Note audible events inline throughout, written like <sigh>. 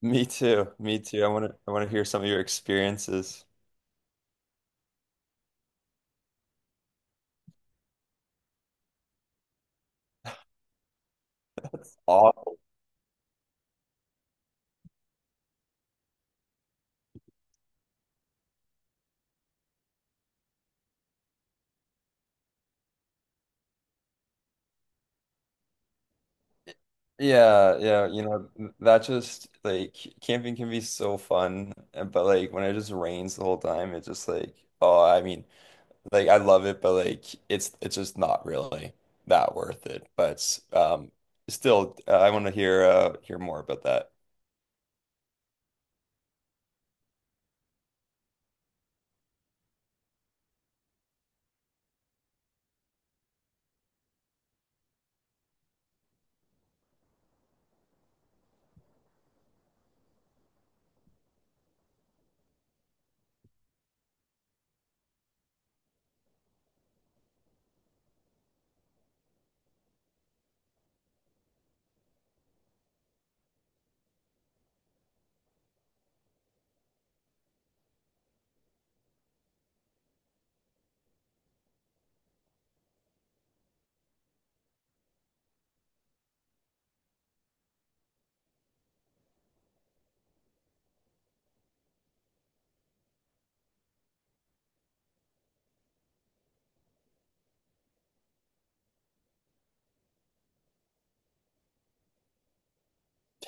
Me too. Me too. I want to hear some of your experiences. Aw- Yeah, yeah, that just like camping can be so fun, but like when it just rains the whole time, it's just like, oh, I mean, like I love it, but like it's just not really that worth it. But still, I want to hear hear more about that.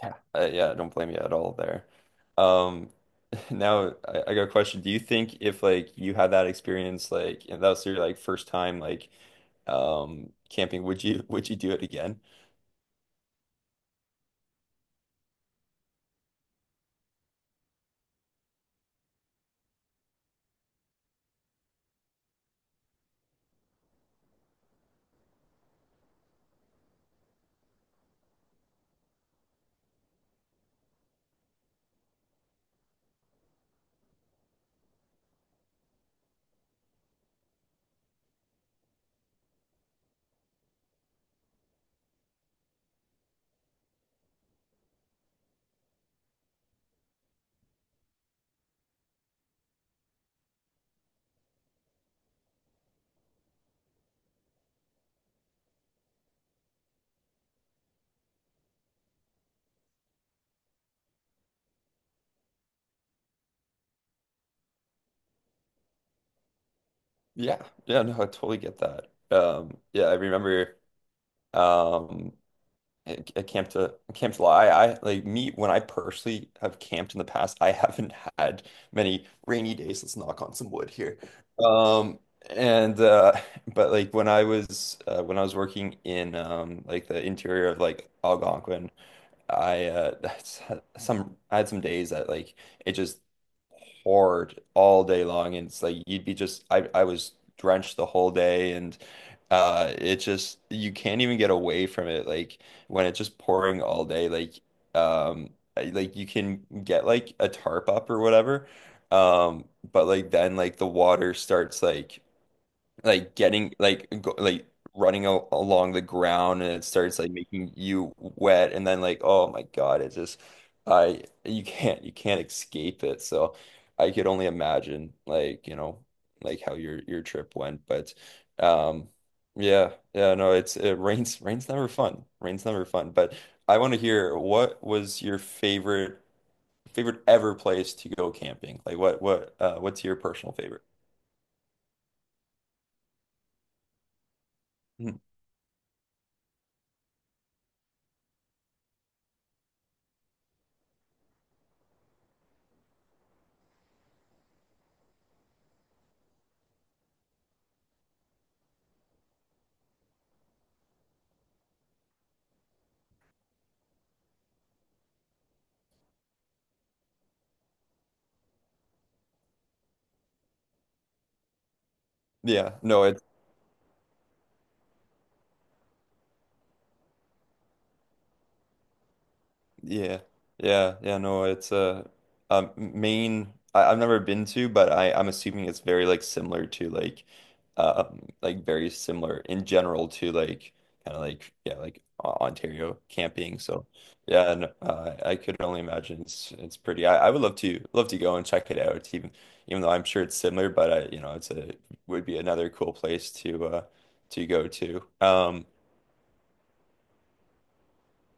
Yeah, yeah, don't blame you at all there. Um, <laughs> Now I got a question. Do you think if like you had that experience, like and that was your like first time like camping, would you <laughs> would you do it again? Yeah, yeah, no, I totally get that. Yeah, I remember. Um, at Camp to Camp July, I like me when I personally have camped in the past, I haven't <laughs> had many rainy days. Let's knock on some wood here. Um, and <laughs> but like when I was working in like the interior of like Algonquin. I <laughs> that's some I had some days that like it just poured all day long, and it's like you'd be just I was drenched the whole day. And it just, you can't even get away from it, like when it's just pouring all day like um I- like you can get like a tarp up or whatever, um but like then like the water starts like like getting like go, like running a along the ground, and it starts like making you wet. And then like, oh my God, it's just I you can't escape it. So I could only imagine like, you know, like how your trip went. But um yeah, yeah, no, it's, it rains, rain's never fun. But I want to hear, what was your favorite favorite ever place to go camping? Like what what's your personal favorite? Mhm. Yeah, no, it's Yeah, yeah, yeah. No, it's a Maine. I've never been to, but I'm assuming it's very like similar to like very similar in general to like kind of like, yeah, like O- Ontario camping. So yeah, and I could only imagine it's pretty. I would love to love to go and check it out. Even even though I'm sure it's similar, but I, you know, it's a would be another cool place to go to.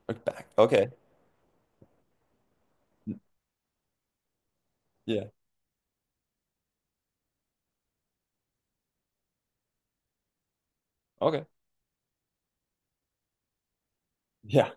Look back. Okay. Yeah. Okay. Yeah.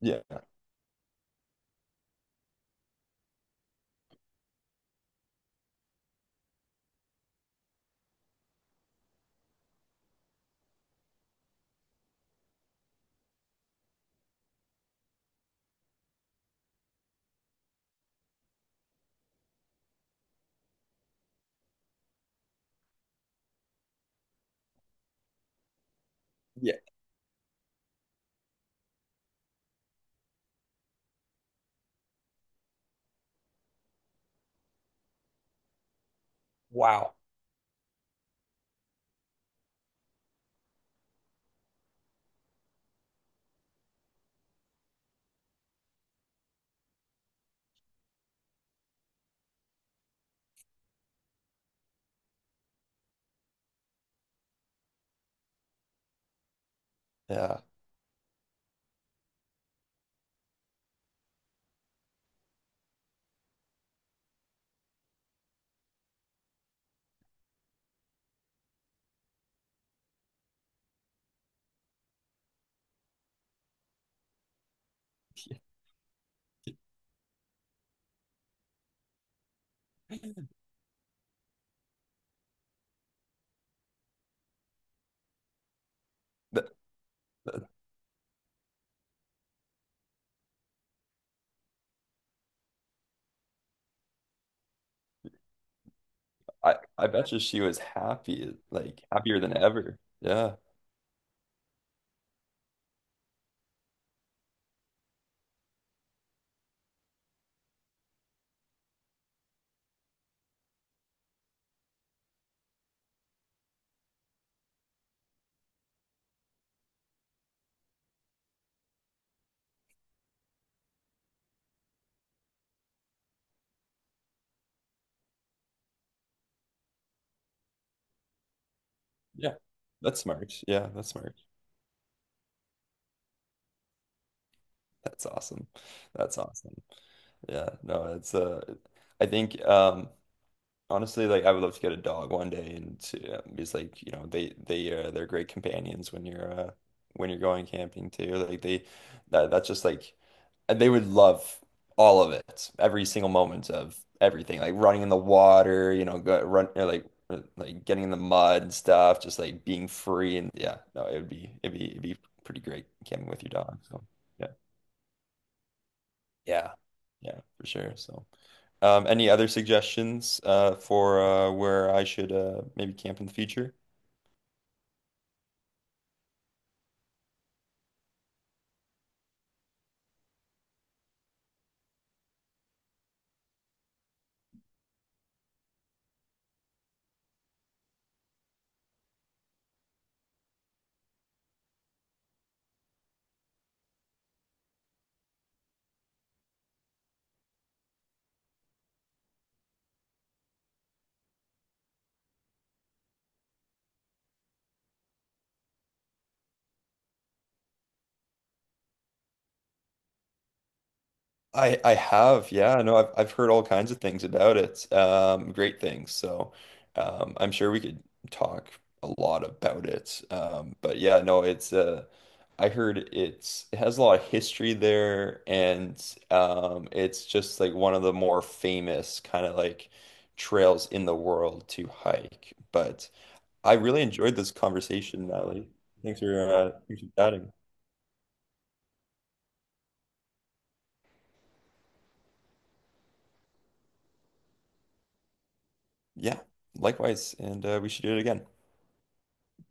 Yeah. Yeah. Wow. Yeah. <laughs> Th- I bet you she was happy, like happier than ever. Yeah. Yeah. That's smart. Yeah, that's smart. That's awesome. That's awesome. Yeah. No, it's I think honestly, like I would love to get a dog one day. And to, it's like, you know, they're great companions when you're going camping too. Like they that's just like they would love all of it, every single moment of everything, like running in the water, you know, go, run or like getting in the mud and stuff, just like being free. And yeah, no, it would be it'd be pretty great camping with your dog. So yeah, yeah, yeah, for sure. So. Any other suggestions for where I should maybe camp in the future? I have, yeah, no, I've heard all kinds of things about it, great things. So I'm sure we could talk a lot about it. But yeah, no, it's I heard it's it has a lot of history there. And it's just like one of the more famous kind of like trails in the world to hike. But I really enjoyed this conversation, Natalie. Thanks for thanks for chatting. Yeah, likewise, and we should do it again.